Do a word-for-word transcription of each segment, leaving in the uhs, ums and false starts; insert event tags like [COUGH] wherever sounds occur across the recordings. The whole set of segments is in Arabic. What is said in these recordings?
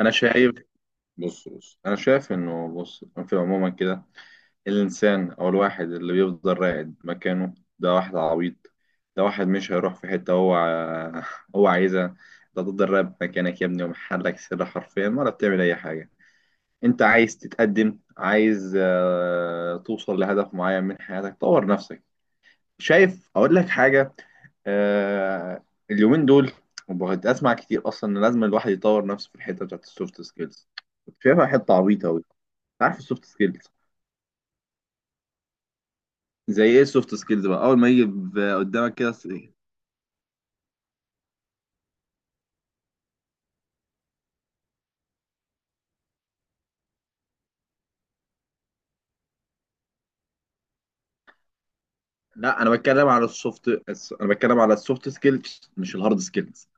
انا شايف. بص بص انا شايف انه بص في عموما كده. الانسان او الواحد اللي بيفضل راقد مكانه ده واحد عبيط. ده واحد مش هيروح في حته، هو ع- [LAUGHS] هو عايزها. ده تفضل راقد مكانك يا ابني ومحلك سر حرفيا ولا بتعمل اي حاجه. انت عايز تتقدم، عايز آه، توصل لهدف معين من حياتك، طور نفسك. شايف؟ اقول لك حاجه. آه، اليومين دول وبقيت اسمع كتير اصلا ان لازم الواحد يطور نفسه في الحته بتاعت السوفت سكيلز. كنت شايفها حته عبيطه قوي. عارف السوفت سكيلز؟ زي ايه السوفت سكيلز بقى اول ما يجي ب- قدامك كده س- لا، انا بتكلم على السوفت، انا بتكلم على السوفت سكيلز مش الهارد سكيلز.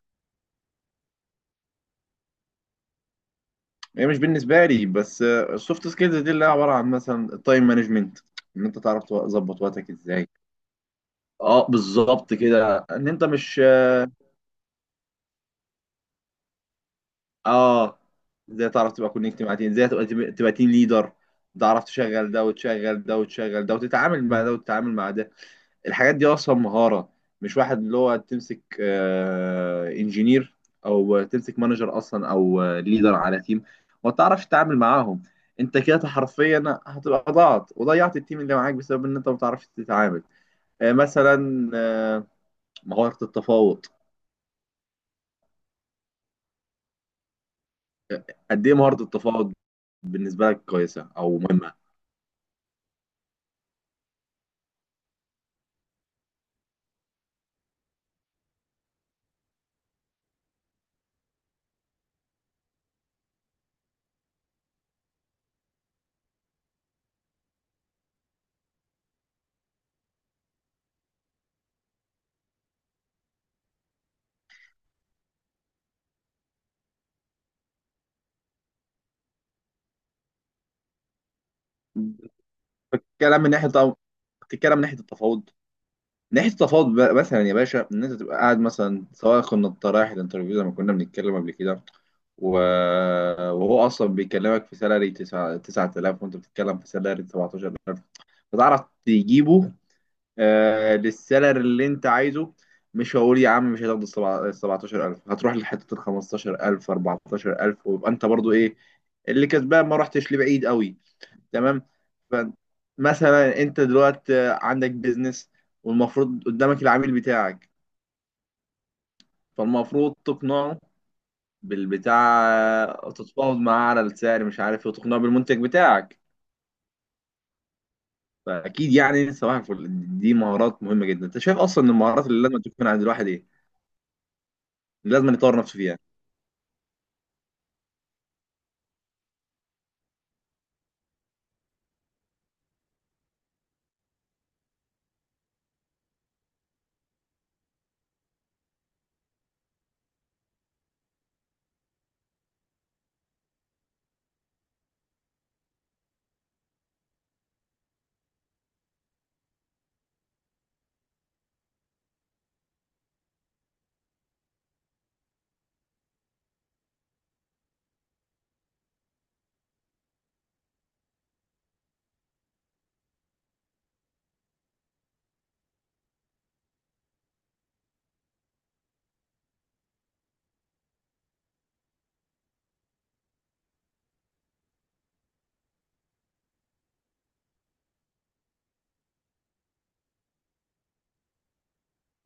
هي مش بالنسبه لي بس، آه، السوفت سكيلز دي اللي هي عباره عن مثلا التايم مانجمنت. ان انت تعرف تظبط وقتك ازاي. اه، بالظبط كده، ان انت مش، اه، ازاي تعرف تبقى كونكت مع تيم، ازاي تبقى تبقى تيم ليدر. تعرف تشغل ده وتشغل ده وتشغل ده وتتعامل مع ده وتتعامل مع ده. الحاجات دي اصلا مهارة. مش واحد اللي هو تمسك انجينير او تمسك مانجر اصلا او ليدر على تيم وما تعرفش تتعامل معاهم. انت كده حرفيا هتبقى ضاعت وضيعت التيم اللي معاك بسبب ان انت ما بتعرفش تتعامل. آه، مثلا، آه، مهارة التفاوض. قد ايه مهارة التفاوض بالنسبة لك، كويسة او مهمة؟ بتتكلم من ناحيه طب... بتتكلم من ناحيه التفاوض. من ناحيه التفاوض بقى مثلا يا باشا، ان انت تبقى قاعد مثلا، سواء كنا رايح الانترفيو زي ما كنا بنتكلم قبل كده، و... وهو اصلا بيكلمك في سالري تسعة تسعة آلاف، وانت بتتكلم في سالري سبعتاشر ألف. فتعرف تجيبه آه للسالري اللي انت عايزه. مش هقول يا عم مش هتاخد ال سبعتاشر ألف، هتروح لحته ال خمستاشر ألف، اربعتاشر ألف، ويبقى انت برضو ايه؟ اللي كسبان ما رحتش لبعيد قوي. تمام. فمثلا انت دلوقتي عندك بيزنس، والمفروض قدامك العميل بتاعك، فالمفروض تقنعه بالبتاع. تتفاوض معاه على السعر مش عارف ايه، وتقنعه بالمنتج بتاعك. فاكيد يعني صباح الفل. دي مهارات مهمه جدا. انت شايف اصلا ان المهارات اللي لازم تكون عند الواحد ايه، اللي لازم يطور نفسه فيها؟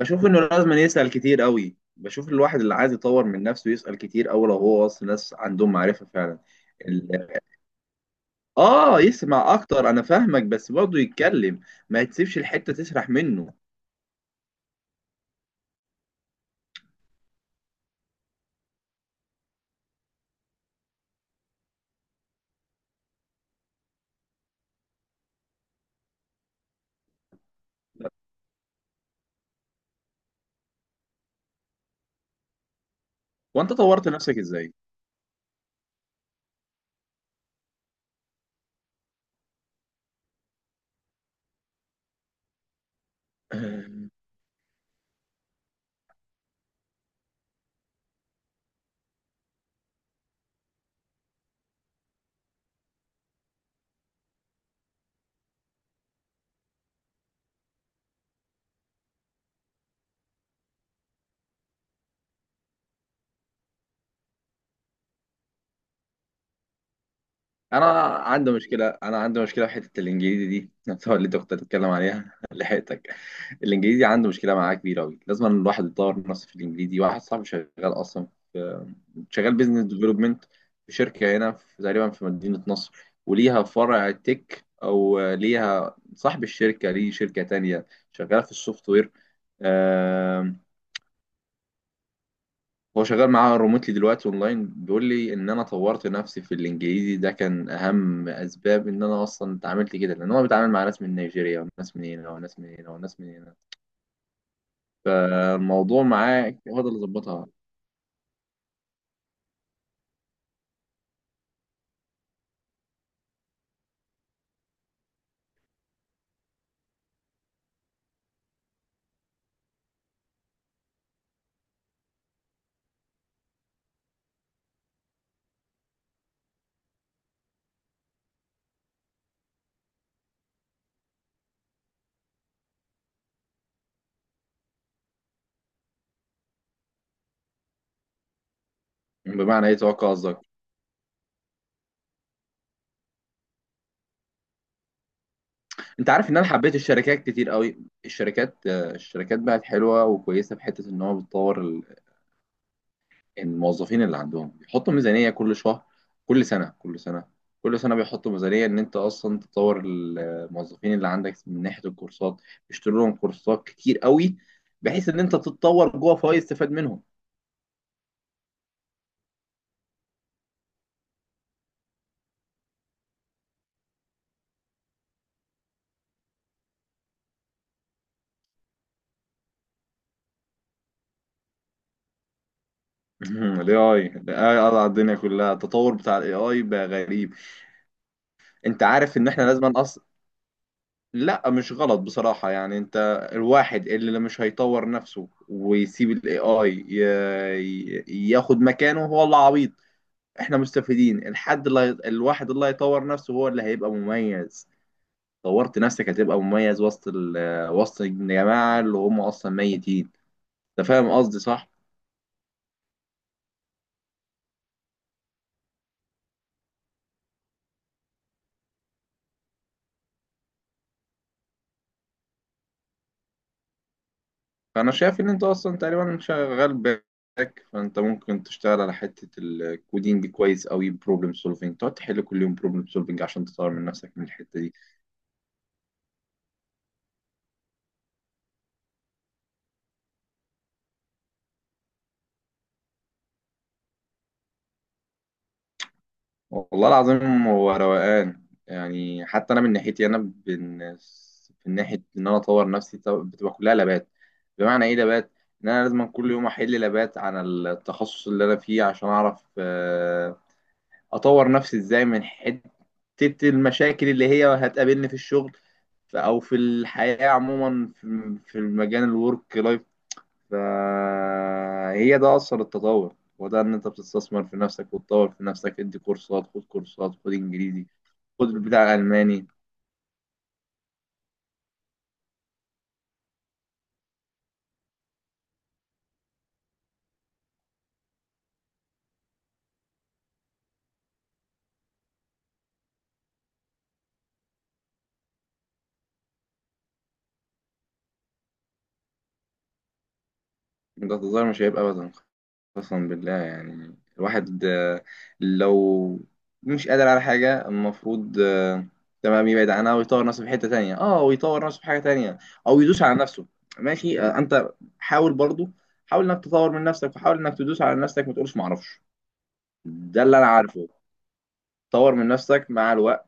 بشوف انه لازم يسال كتير قوي. بشوف الواحد اللي عايز يطور من نفسه يسال كتير قوي، لو هو اصلا ناس عندهم معرفه فعلا. اه يسمع اكتر، انا فاهمك، بس برضه يتكلم. ما تسيبش الحتة تسرح منه. وانت طورت نفسك ازاي؟ [LAUGHS] آه، انا عندي مشكلة انا عندي مشكلة في حتة الانجليزي دي [LAUGHS] نفسها اللي انت كنت بتتكلم عليها [LAUGHS] لحقتك. الانجليزي عنده مشكلة معاه كبيرة قوي، لازم الواحد يطور نفسه في الانجليزي. واحد صاحبي شغال اصلا، شغال بيزنس ديفلوبمنت في شركة هنا، في تقريبا في مدينة نصر، وليها فرع تك أو، آه، ليها صاحب الشركة ليه شركة تانية شغالة في السوفت وير. آه، هو شغال معاها ريموتلي دلوقتي اونلاين. بيقول لي ان انا طورت نفسي في الانجليزي ده كان اهم اسباب ان انا اصلا اتعاملت كده، لان هو بيتعامل مع ناس من نيجيريا وناس من هنا وناس من هنا وناس من هنا. فالموضوع معاه هو ده اللي ظبطها. بمعنى ايه توقع قصدك؟ انت عارف ان انا حبيت الشركات كتير قوي. الشركات، آه، الشركات بقت حلوه وكويسه في حته ان هو بتطور ال- الموظفين اللي عندهم بيحطوا ميزانيه كل شهر، كل سنه، كل سنه كل سنه بيحطوا ميزانيه ان انت اصلا تطور الموظفين اللي عندك من ناحيه الكورسات. بيشتروا لهم كورسات كتير قوي بحيث ان انت تتطور جوه فهو يستفاد منهم. [LAUGHS] الاي اي، الاي قضى على الدنيا كلها. التطور بتاع الاي اي بقى غريب. انت عارف ان احنا لازم لا مش غلط بصراحة يعني. انت، الواحد اللي مش هيطور نفسه ويسيب الاي اي ياخد مكانه هو اللي عبيط. احنا مستفيدين. الحد اللي هي- الواحد اللي هيطور نفسه هو اللي هيبقى مميز. طورت نفسك هتبقى مميز وسط ال... وسط الجماعة اللي هم اصلا ميتين. انت فاهم قصدي صح؟ فانا شايف ان انت اصلا تقريبا شغال باك، فانت ممكن تشتغل على حتة الكودينج كويس قوي. بروبلم سولفينج، تقعد تحل كل يوم بروبلم سولفينج عشان تطور من نفسك من الحتة دي. والله العظيم هو روقان يعني. حتى انا من ناحيتي، انا بن... من ناحيه ان انا اطور نفسي، طب- بتبقى كلها لابات. بمعنى ايه لابات؟ ان انا لازم كل يوم احل لابات عن التخصص اللي انا فيه عشان اعرف آه، اطور نفسي ازاي من حته المشاكل اللي هي هتقابلني في الشغل، ف- او في الحياه عموما، في في المجال الورك لايف. فهي ده أصل التطور، وده إن أنت بتستثمر في نفسك وتطور في نفسك. ادي كورسات، خد كورسات، خد إنجليزي، خد بتاع ألماني. ده تظاهر مش هيبقى أبدا، قسما بالله. يعني الواحد، آه، لو مش قادر على حاجة المفروض، آه، تمام، يبعد عنها ويطور نفسه في حتة تانية. اه، ويطور نفسه في حاجة تانية، أو يدوس على نفسه. ماشي، آه، أنت حاول برضو، حاول إنك تطور من نفسك وحاول إنك تدوس على نفسك، ما تقولش معرفش. ده اللي أنا عارفه. طور من نفسك مع الوقت،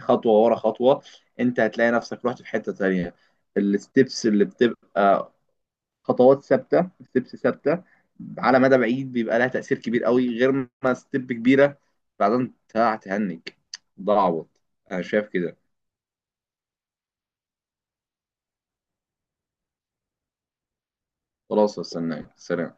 خطوة ورا خطوة. انت هتلاقي نفسك رحت في حتة تانية. الستبس اللي بتبقى خطوات ثابتة، ستبس ثابتة، على مدى بعيد بيبقى لها تأثير كبير قوي، غير ما ستيب كبيرة بعدين تهنج. ضعبط. انا شايف كده. خلاص استناك، سلام.